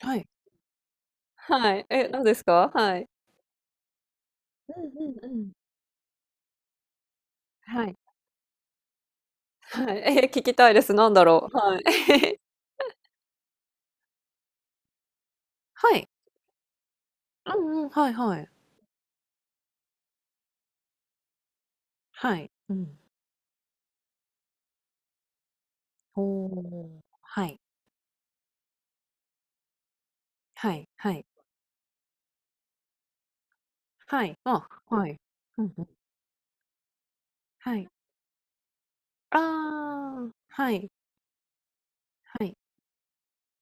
はい。はい。え、何ですか？はい。うんうんうん。はい。はい。聞きたいです。なんだろう？はい。はい。うんうん、はいはい。はい。うん。おお、はい。はいはい。はい。あ、はい。うんうん。はい。ああ、はい、はい。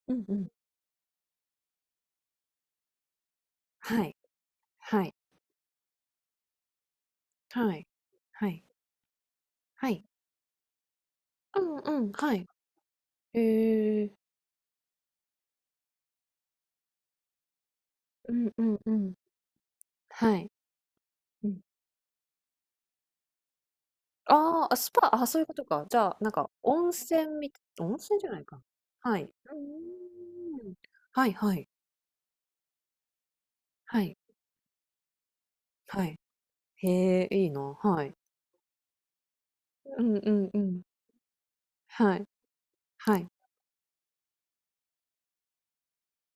うんうん。はい、はい、はい、はい、はい。うんうん、はい。へえ。うんうんうん。はい。うん。ああ、あ、スパ、あ、そういうことか。じゃあ、なんか温泉じゃないか。はい。うーん。はいはい。はい。はい。へえ、いいな。はい。うんうんうん。はい。はい。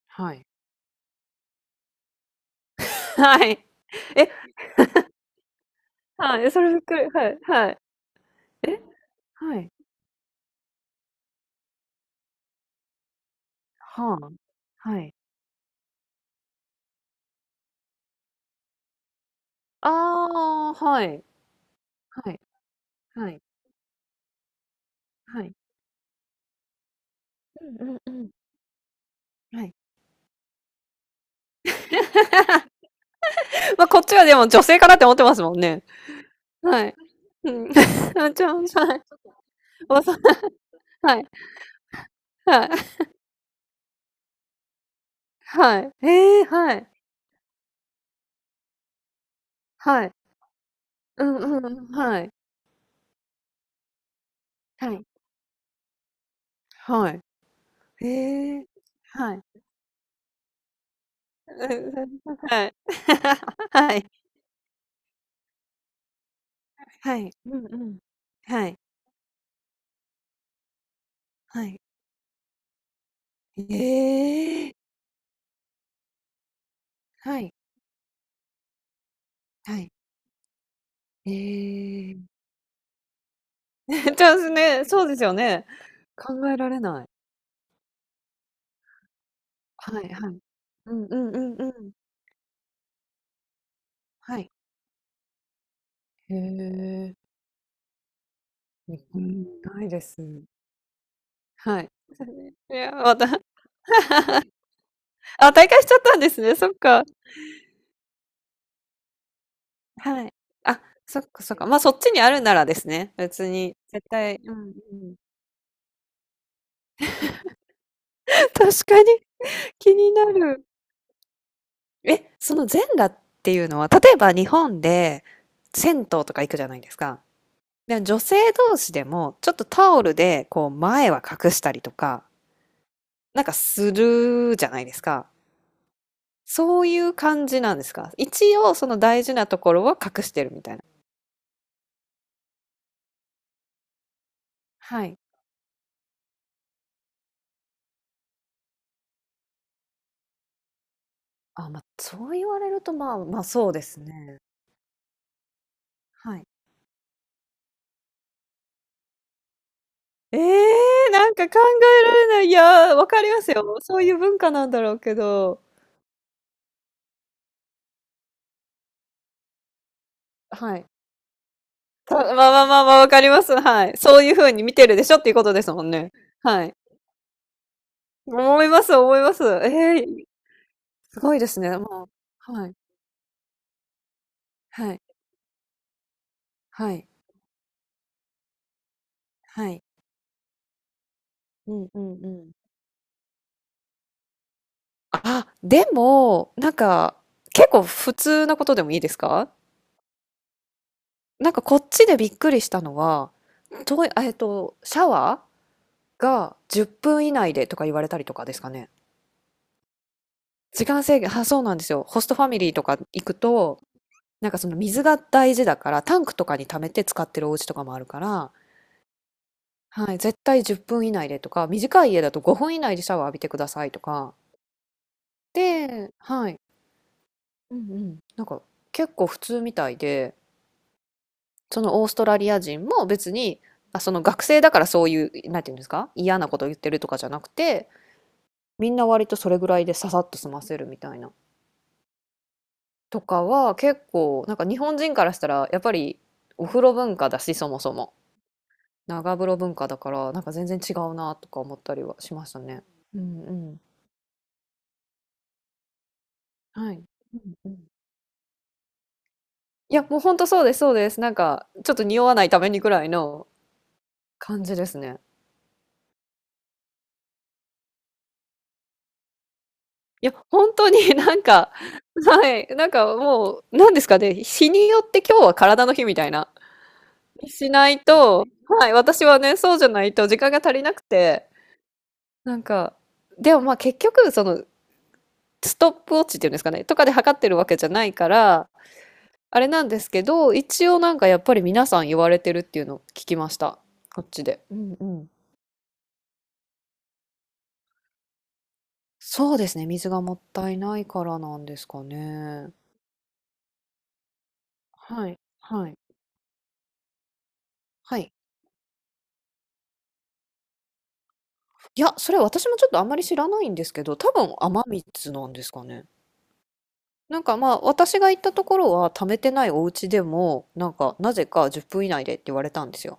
はい。はい。え、はい、それびっくり。はい、はい。え、はい。はあ。はい。ああ、はい。はい。はい。はい。うんうんうん。はい。まあ、こっちはでも女性かなって思ってますもんね。はい。うん。はい。まあ、そう、はい。はい。はい。ええ、はい。はい。うんうんうん、はい。はい。はい。へえ。はい。うんうん、はい。はい。はい。うんうん。はい。はい。ええ。はい。はい。ええ。じゃあ、そうですよね。考えられない。はいはい。うんうんうんうん。はい。へえ。うん、ないです。はい。ですねいや、またあ、退会しちゃったんですね、そっか。はい。あ、そっかそっか。ま、あそっちにあるならですね、別に、絶対うんうん。確かに、気になる。え、その全裸っていうのは、例えば日本で銭湯とか行くじゃないですか。で、女性同士でも、ちょっとタオルでこう前は隠したりとか、なんかするじゃないですか。そういう感じなんですか？一応その大事なところは隠してるみたいな。はい。あ、まあ、そう言われると、まあ、ま、そうですね。はい。ええ、なんか考えられない。いや、わかりますよ。そういう文化なんだろうけど。はい。まあまあまあまあ、わかります。はい。そういう風に見てるでしょっていうことですもんね。はい。思います、思います。ええ、すごいですね。もうはい。はい。はい。はい。うんうんうん。あ、でも、なんか、結構普通なことでもいいですか？なんかこっちでびっくりしたのは、とええっと、シャワーが10分以内でとか言われたりとかですかね？時間制限、は、そうなんですよ。ホストファミリーとか行くと、なんかその水が大事だから、タンクとかに溜めて使ってるお家とかもあるから、はい、絶対10分以内でとか、短い家だと5分以内でシャワー浴びてくださいとか。で、はい。うんうん。なんか結構普通みたいで、そのオーストラリア人も別に、あ、その学生だからそういう、なんていうんですか、嫌なこと言ってるとかじゃなくて、みんな割とそれぐらいでささっと済ませるみたいな。とかは結構なんか日本人からしたらやっぱりお風呂文化だしそもそも長風呂文化だからなんか全然違うなとか思ったりはしましたね。うんうんはい。うんうん。いや、もうほんとそうですそうです。なんかちょっと匂わないためにくらいの感じですね。いや、本当に なんかはい、なんかもうなんですかね、日によって今日は体の日みたいな、しないとはい、私はね、そうじゃないと時間が足りなくて、なんか、でもまあ結局そのストップウォッチっていうんですかね、とかで測ってるわけじゃないから、あれなんですけど、一応なんかやっぱり皆さん言われてるっていうのを聞きました。こっちで。うんうん。そうですね、水がもったいないからなんですかね。はい、はい、はい。いや、それ私もちょっとあんまり知らないんですけど、多分雨水なんですかね。なんかまあ私が行ったところは貯めてないお家でもなんかなぜか10分以内でって言われたんですよ。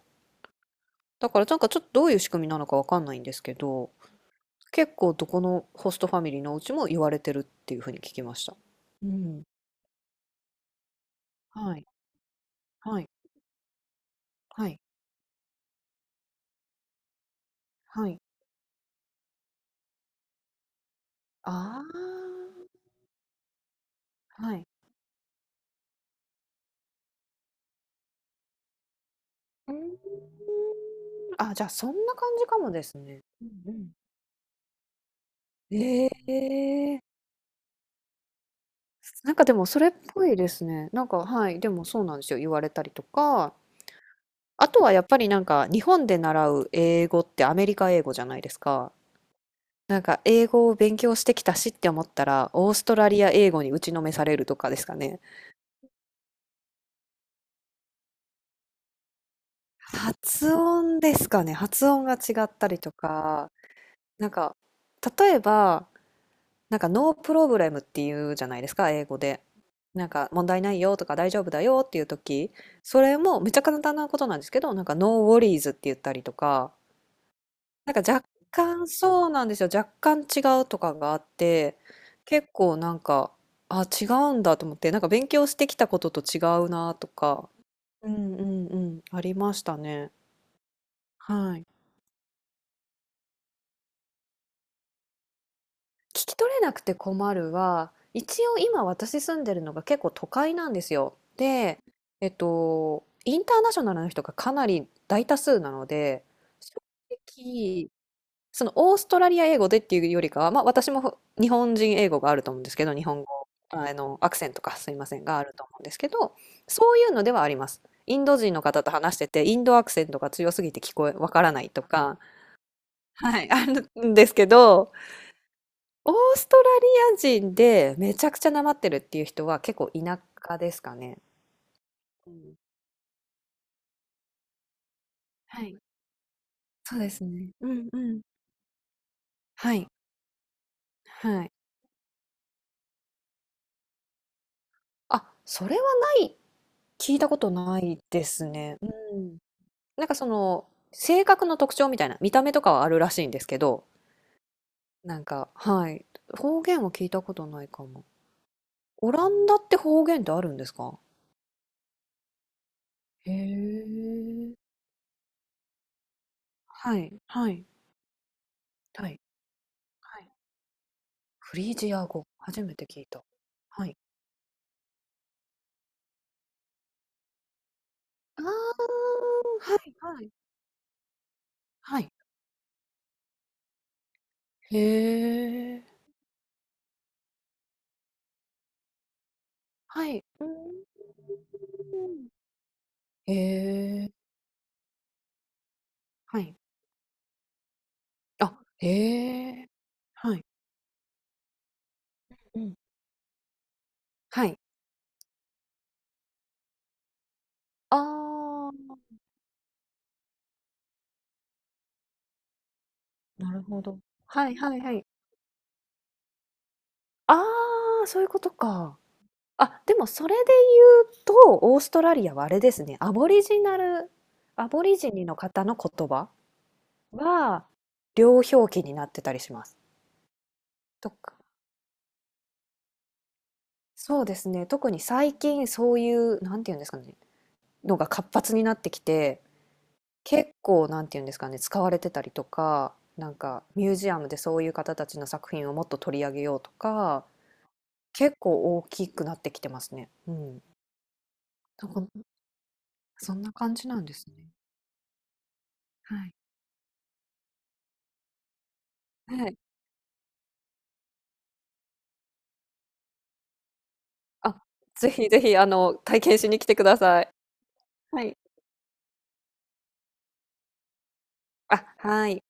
だからなんかちょっとどういう仕組みなのかわかんないんですけど、結構どこのホストファミリーのお家も言われてるっていうふうに聞きました。うん。はい、はい、はい、はい。ああ、はい。うーん、あ、じゃあそんな感じかもですね。うんうん。ええ、なんかでもそれっぽいですね。なんか、はい、でもそうなんですよ、言われたりとか、あとはやっぱりなんか日本で習う英語ってアメリカ英語じゃないですか。なんか英語を勉強してきたしって思ったら、オーストラリア英語に打ちのめされるとかですかね。発音ですかね。発音が違ったりとか、なんか、例えば、なんか、ノープロブレムっていうじゃないですか、英語で。なんか、問題ないよとか、大丈夫だよっていう時、それもめちゃ簡単なことなんですけど、なんか、ノーウォリーズって言ったりとか、なんか、若干そうなんですよ。若干違うとかがあって、結構なんか、あ、違うんだと思って、なんか、勉強してきたことと違うなとか、うんうんうん、ありましたね。はい。聞き取れなくて困るは、一応今私住んでるのが結構都会なんですよ。で、インターナショナルの人がかなり大多数なので、きそのオーストラリア英語でっていうよりかは、まあ私も日本人英語があると思うんですけど、日本語、あの、アクセントかすいませんがあると思うんですけど、そういうのではあります。インド人の方と話してて、インドアクセントが強すぎて聞こえ、わからないとか、はい、あるんですけど、オーストラリア人でめちゃくちゃなまってるっていう人は結構田舎ですかね。うん。はい。そうですね。うんうん。はい。はい。あ、それはない、聞いたことないですね。うん。なんかその、性格の特徴みたいな、見た目とかはあるらしいんですけど、なんか、はい。方言は聞いたことないかも。オランダって方言ってあるんですか？へえ。はい、はい、はい、はい。フリージア語、初めて聞いた。はい。ああ、はいはい。はい。へえ。はい。うーん。へえ。はい。あ、へえ。はい。うん。はい。ああ。なるほど。はいはいはい。ああ、そういうことか。あ、でもそれで言うと、オーストラリアはあれですね、アボリジニの方の言葉は、両表記になってたりします。とかそうですね、特に最近そういう、なんていうんですかね、のが活発になってきて、結構なんていうんですかね、使われてたりとか、なんかミュージアムでそういう方たちの作品をもっと取り上げようとか、結構大きくなってきてますね。うん。なんか、そんな感じなんですね。はい。はい。あ、ぜひぜひ、あの、体験しに来てください。はい。あ、はい。